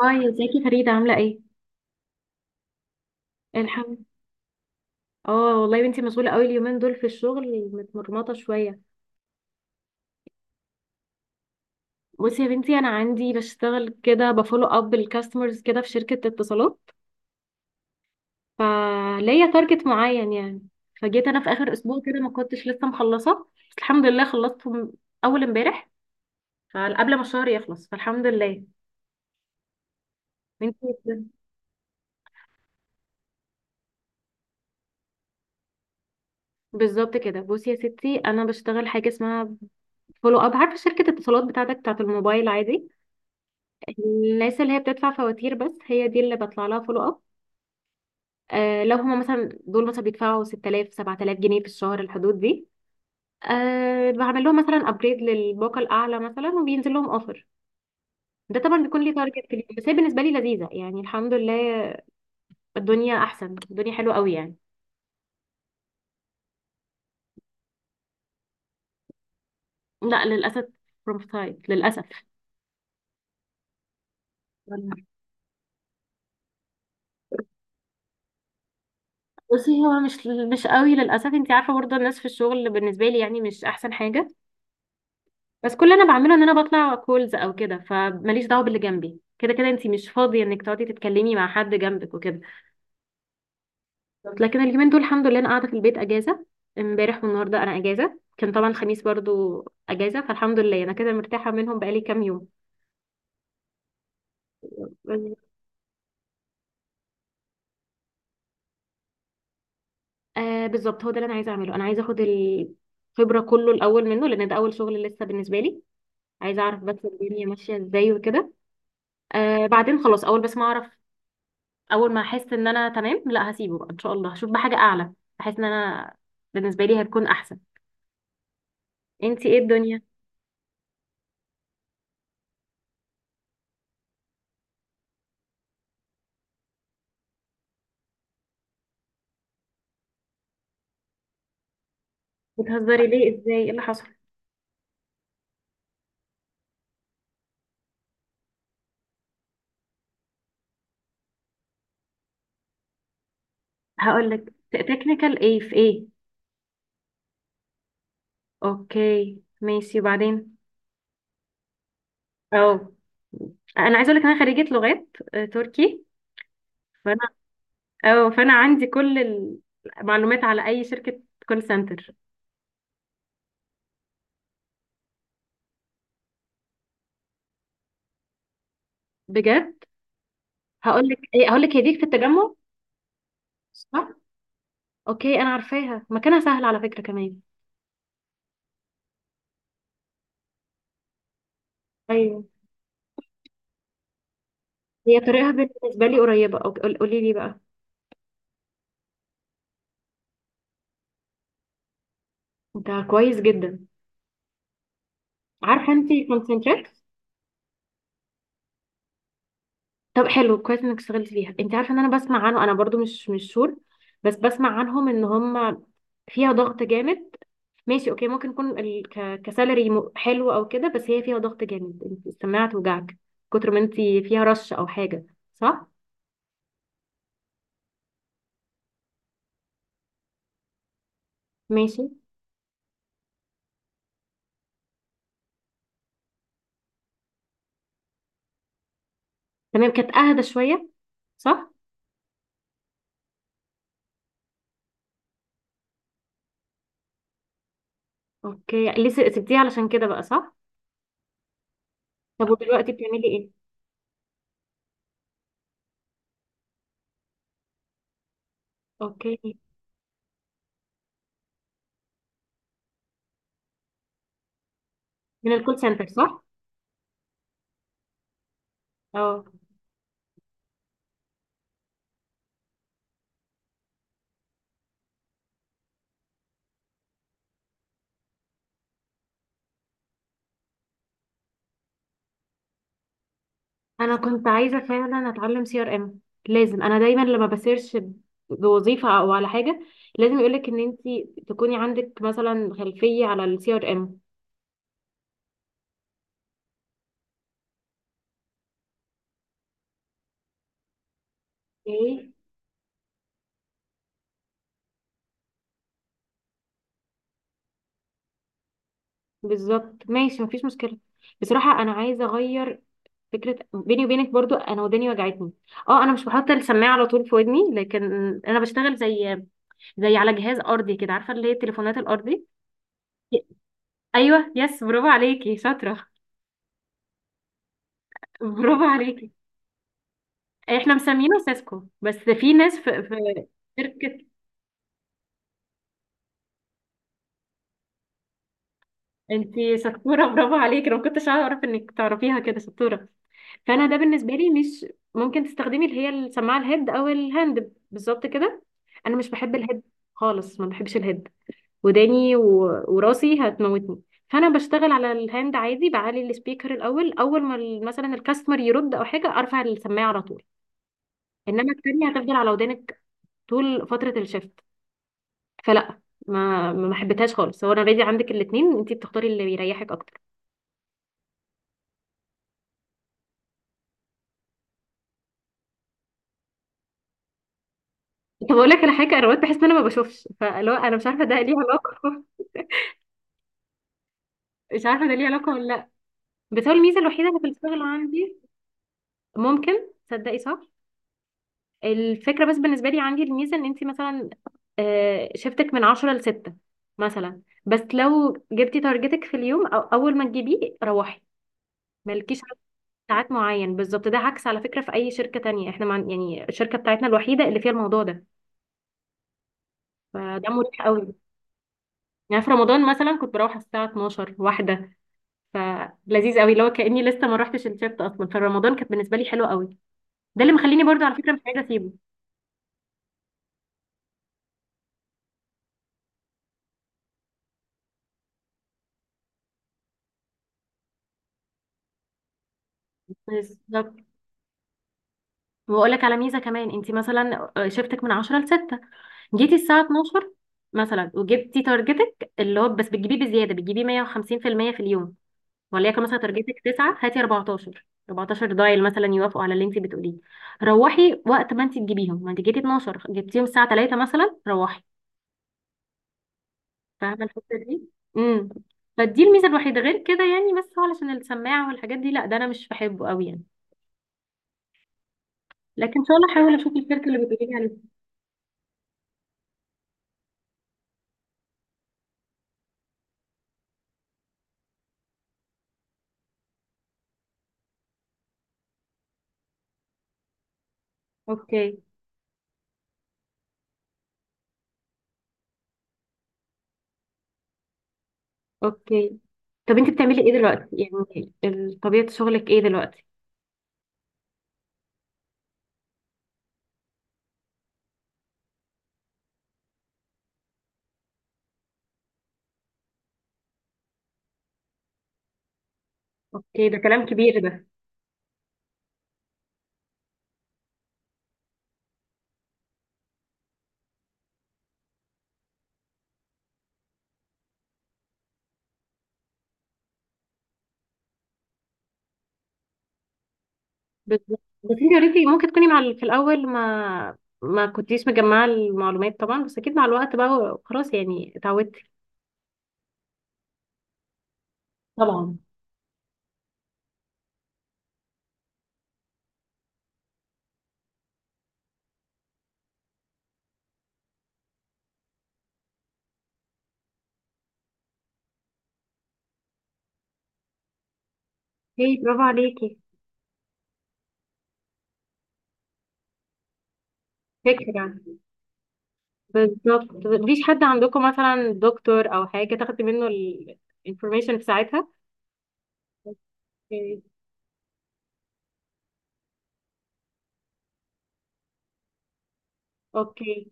هاي، ازيك يا فريدة؟ عاملة ايه؟ الحمد. اه والله يا بنتي مشغولة قوي اليومين دول في الشغل، متمرمطة شوية. بصي يا بنتي، انا عندي بشتغل كده بفولو اب الكاستمرز كده في شركة اتصالات. فليا تارجت معين يعني. فجيت انا في اخر اسبوع كده، ما كنتش لسه مخلصة، بس الحمد لله خلصته اول امبارح. فقبل ما الشهر يخلص فالحمد لله. انتي بالظبط كده. بصي يا ستي، انا بشتغل حاجة اسمها فولو اب. عارفة شركة اتصالات بتاعتك بتاعت الموبايل عادي؟ الناس اللي هي بتدفع فواتير، بس هي دي اللي بطلع لها فولو اب. آه، لو هما مثلا دول مثلا بيدفعوا 6000 7000 جنيه في الشهر، الحدود دي، آه بعمل لهم مثلا ابجريد للباقه الاعلى مثلا، وبينزل لهم اوفر. ده طبعا بيكون لي تارجت في اليوم، بس هي بالنسبه لي لذيذه يعني، الحمد لله. الدنيا احسن، الدنيا حلوه قوي يعني. لا للاسف، فروم سايد للاسف. بصي، هو مش قوي للاسف. انت عارفه برضه الناس في الشغل بالنسبه لي يعني مش احسن حاجه. بس كل اللي انا بعمله ان انا بطلع كولز او كده، فماليش دعوه باللي جنبي. كده كده انتي مش فاضيه انك تقعدي تتكلمي مع حد جنبك وكده. بالظبط. لكن اليومين دول الحمد لله انا قاعده في البيت اجازه. امبارح والنهارده انا اجازه، كان طبعا الخميس برضو اجازه، فالحمد لله انا كده مرتاحه منهم بقالي كام يوم. آه بالظبط، هو ده اللي انا عايزه اعمله. انا عايزه اخد الخبره كله الاول منه، لان ده اول شغل لسه بالنسبه لي. عايزه اعرف بس الدنيا ماشيه ازاي وكده. آه بعدين خلاص، اول بس ما اعرف، اول ما احس ان انا تمام، لا هسيبه بقى ان شاء الله، هشوف بحاجه اعلى. احس ان انا بالنسبه لي هتكون احسن. انتي ايه الدنيا؟ بتهزري ليه؟ ازاي؟ ايه اللي حصل؟ هقول لك تكنيكال ايه في ايه. اوكي ماشي وبعدين. اه، انا عايزه اقول لك انا خريجه لغات، تركي. فانا، اه فانا عندي كل المعلومات على اي شركه كول سنتر. بجد، هقول لك ايه، هقول لك، هي دي في التجمع؟ صح. اوكي، انا عارفاها، مكانها سهل على فكره كمان. ايوه، هي طريقها بالنسبة لي قريبة أو قولي لي بقى. انت كويس جدا. عارفة انت كونسنتريكس؟ طب حلو، كويس انك اشتغلت فيها. انت عارفة ان انا بسمع عنه؟ انا برضو مش شور، بس بسمع عنهم ان هم فيها ضغط جامد. ماشي اوكي، ممكن يكون كسالري حلو او كده، بس هي فيها ضغط جامد. انت السماعة توجعك كتر ما انت فيها رش او حاجة. صح. ماشي تمام، كانت اهدى شوية. صح. اوكي، لسه سبتيها علشان كده بقى، صح؟ طب ودلوقتي بتعملي ايه؟ اوكي. من الكول سنتر، صح؟ اه. انا كنت عايزه فعلا اتعلم سي ار ام. لازم انا دايما لما بسيرش بوظيفه او على حاجه، لازم يقولك ان انت تكوني عندك مثلا خلفيه على السي ار ام. ايه؟ بالظبط، ماشي، مفيش مشكله. بصراحه انا عايزه اغير فكره. بيني وبينك برضو، انا وداني وجعتني. اه انا مش بحط السماعه على طول في ودني، لكن انا بشتغل زي على جهاز ارضي كده، عارفه اللي هي التليفونات الارضي. ايوه يس، برافو عليكي، شاطره. برافو عليكي. احنا مسمينه سيسكو، بس في ناس في شركة. انتي شطورة، برافو عليكي، انا ما كنتش اعرف انك تعرفيها كده، شطورة. فانا ده بالنسبة لي مش. ممكن تستخدمي اللي هي السماعة الهيد او الهاند. بالظبط كده. انا مش بحب الهيد خالص، ما بحبش الهيد. وداني و... وراسي هتموتني. فانا بشتغل على الهاند عادي، بعلي السبيكر الاول، اول ما مثلا الكاستمر يرد او حاجة ارفع السماعة على طول. انما التانية هتفضل على ودانك طول فترة الشفت، فلا، ما حبيتهاش خالص. هو انا اوريدي عندك الاثنين، انت بتختاري اللي بيريحك اكتر. طب اقول لك على حاجه، انا اوقات بحس ان انا ما بشوفش، فلو انا مش عارفه ده ليه علاقه، مش عارفه ده ليه علاقه ولا لا. بس هو الميزه الوحيده اللي في الشغل عندي، ممكن تصدقي، صح. الفكره بس بالنسبه لي، عندي الميزه ان انت مثلا، شفتك من 10 ل 6 مثلا، بس لو جبتي تارجتك في اليوم، او اول ما تجيبيه، روحي، مالكيش عدد ساعات معين. بالظبط. ده عكس على فكره في اي شركه تانية. احنا مع يعني الشركه بتاعتنا الوحيده اللي فيها الموضوع ده، فده مريح قوي. يعني في رمضان مثلا كنت بروح الساعة 12 واحدة، فلذيذ قوي اللي هو كأني لسه ما روحتش الشفت أصلا، فرمضان كانت بالنسبة لي حلوة قوي. ده اللي مخليني برضو على فكرة مش عايزة أسيبه. بالظبط. وأقول لك على ميزة كمان، أنت مثلا شفتك من 10 ل 6، جيتي الساعة 12 مثلا، وجبتي تارجتك، اللي هو بس بتجيبيه بزيادة، بتجيبيه 150% في المية في اليوم، وليكن مثلا تارجتك 9 هاتي 14، 14 دايل مثلا يوافقوا على اللي انت بتقوليه، روحي وقت ما انت تجيبيهم. ما انت جيتي 12، جبتيهم الساعه 3 مثلا، روحي. فاهمه الحته دي؟ امم فدي الميزه الوحيده، غير كده يعني بس هو علشان السماعه والحاجات دي، لا ده انا مش بحبه قوي يعني. لكن ان شاء الله احاول اشوف الشركه اللي بتقولي لي عليها. اوكي، اوكي. طب انت بتعملي ايه دلوقتي؟ يعني طبيعه شغلك ايه دلوقتي؟ اوكي، ده كلام كبير ده. بالظبط. بس انت قلتي ممكن تكوني مع في الاول ما كنتيش مجمعه المعلومات طبعا، بس اكيد مع الوقت بقى خلاص يعني اتعودتي. طبعا. هي برافو عليكي. فكره. بالظبط. مفيش حد عندكم مثلا دكتور او حاجه تاخدي منه الانفورميشن في ساعتها؟ اوكي. اوكي.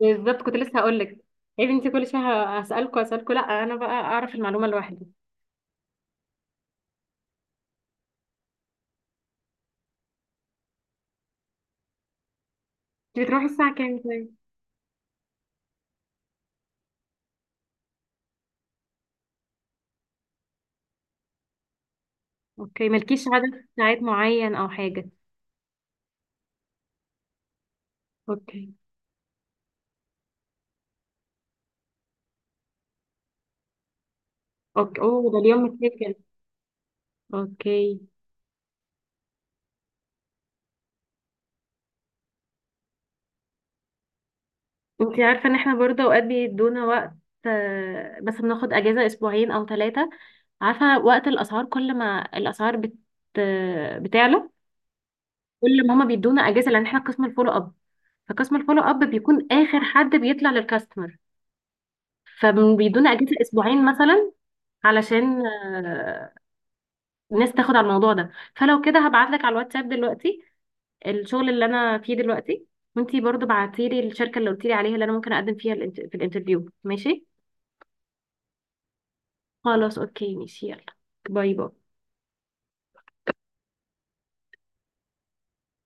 بالظبط، كنت لسه هقول لك، عيب انت كل شويه هسالكوا، لا انا بقى اعرف المعلومه لوحدي. انت بتروحي الساعه كام طيب؟ اوكي، مالكيش عدد ساعات معين او حاجه؟ اوكي. اوكي، اوه ده اليوم متسجل. اوكي. انت عارفه ان احنا برضه اوقات بيدونا وقت، بس بناخد اجازه أسبوعين او ثلاثه. عارفه وقت الاسعار، كل ما الاسعار بتعلى، كل ما هما بيدونا اجازه، لان احنا قسم الفولو اب. فقسم الفولو اب بيكون اخر حد بيطلع للكاستمر، فبيدونا اجازه أسبوعين مثلا، علشان الناس تاخد على الموضوع ده. فلو كده هبعت لك على الواتساب دلوقتي الشغل اللي انا فيه دلوقتي، وانتي برضو بعتي لي الشركه اللي قلتي لي عليها اللي انا ممكن اقدم فيها في الانترفيو. ماشي؟ خلاص اوكي ماشي، يلا، باي باي.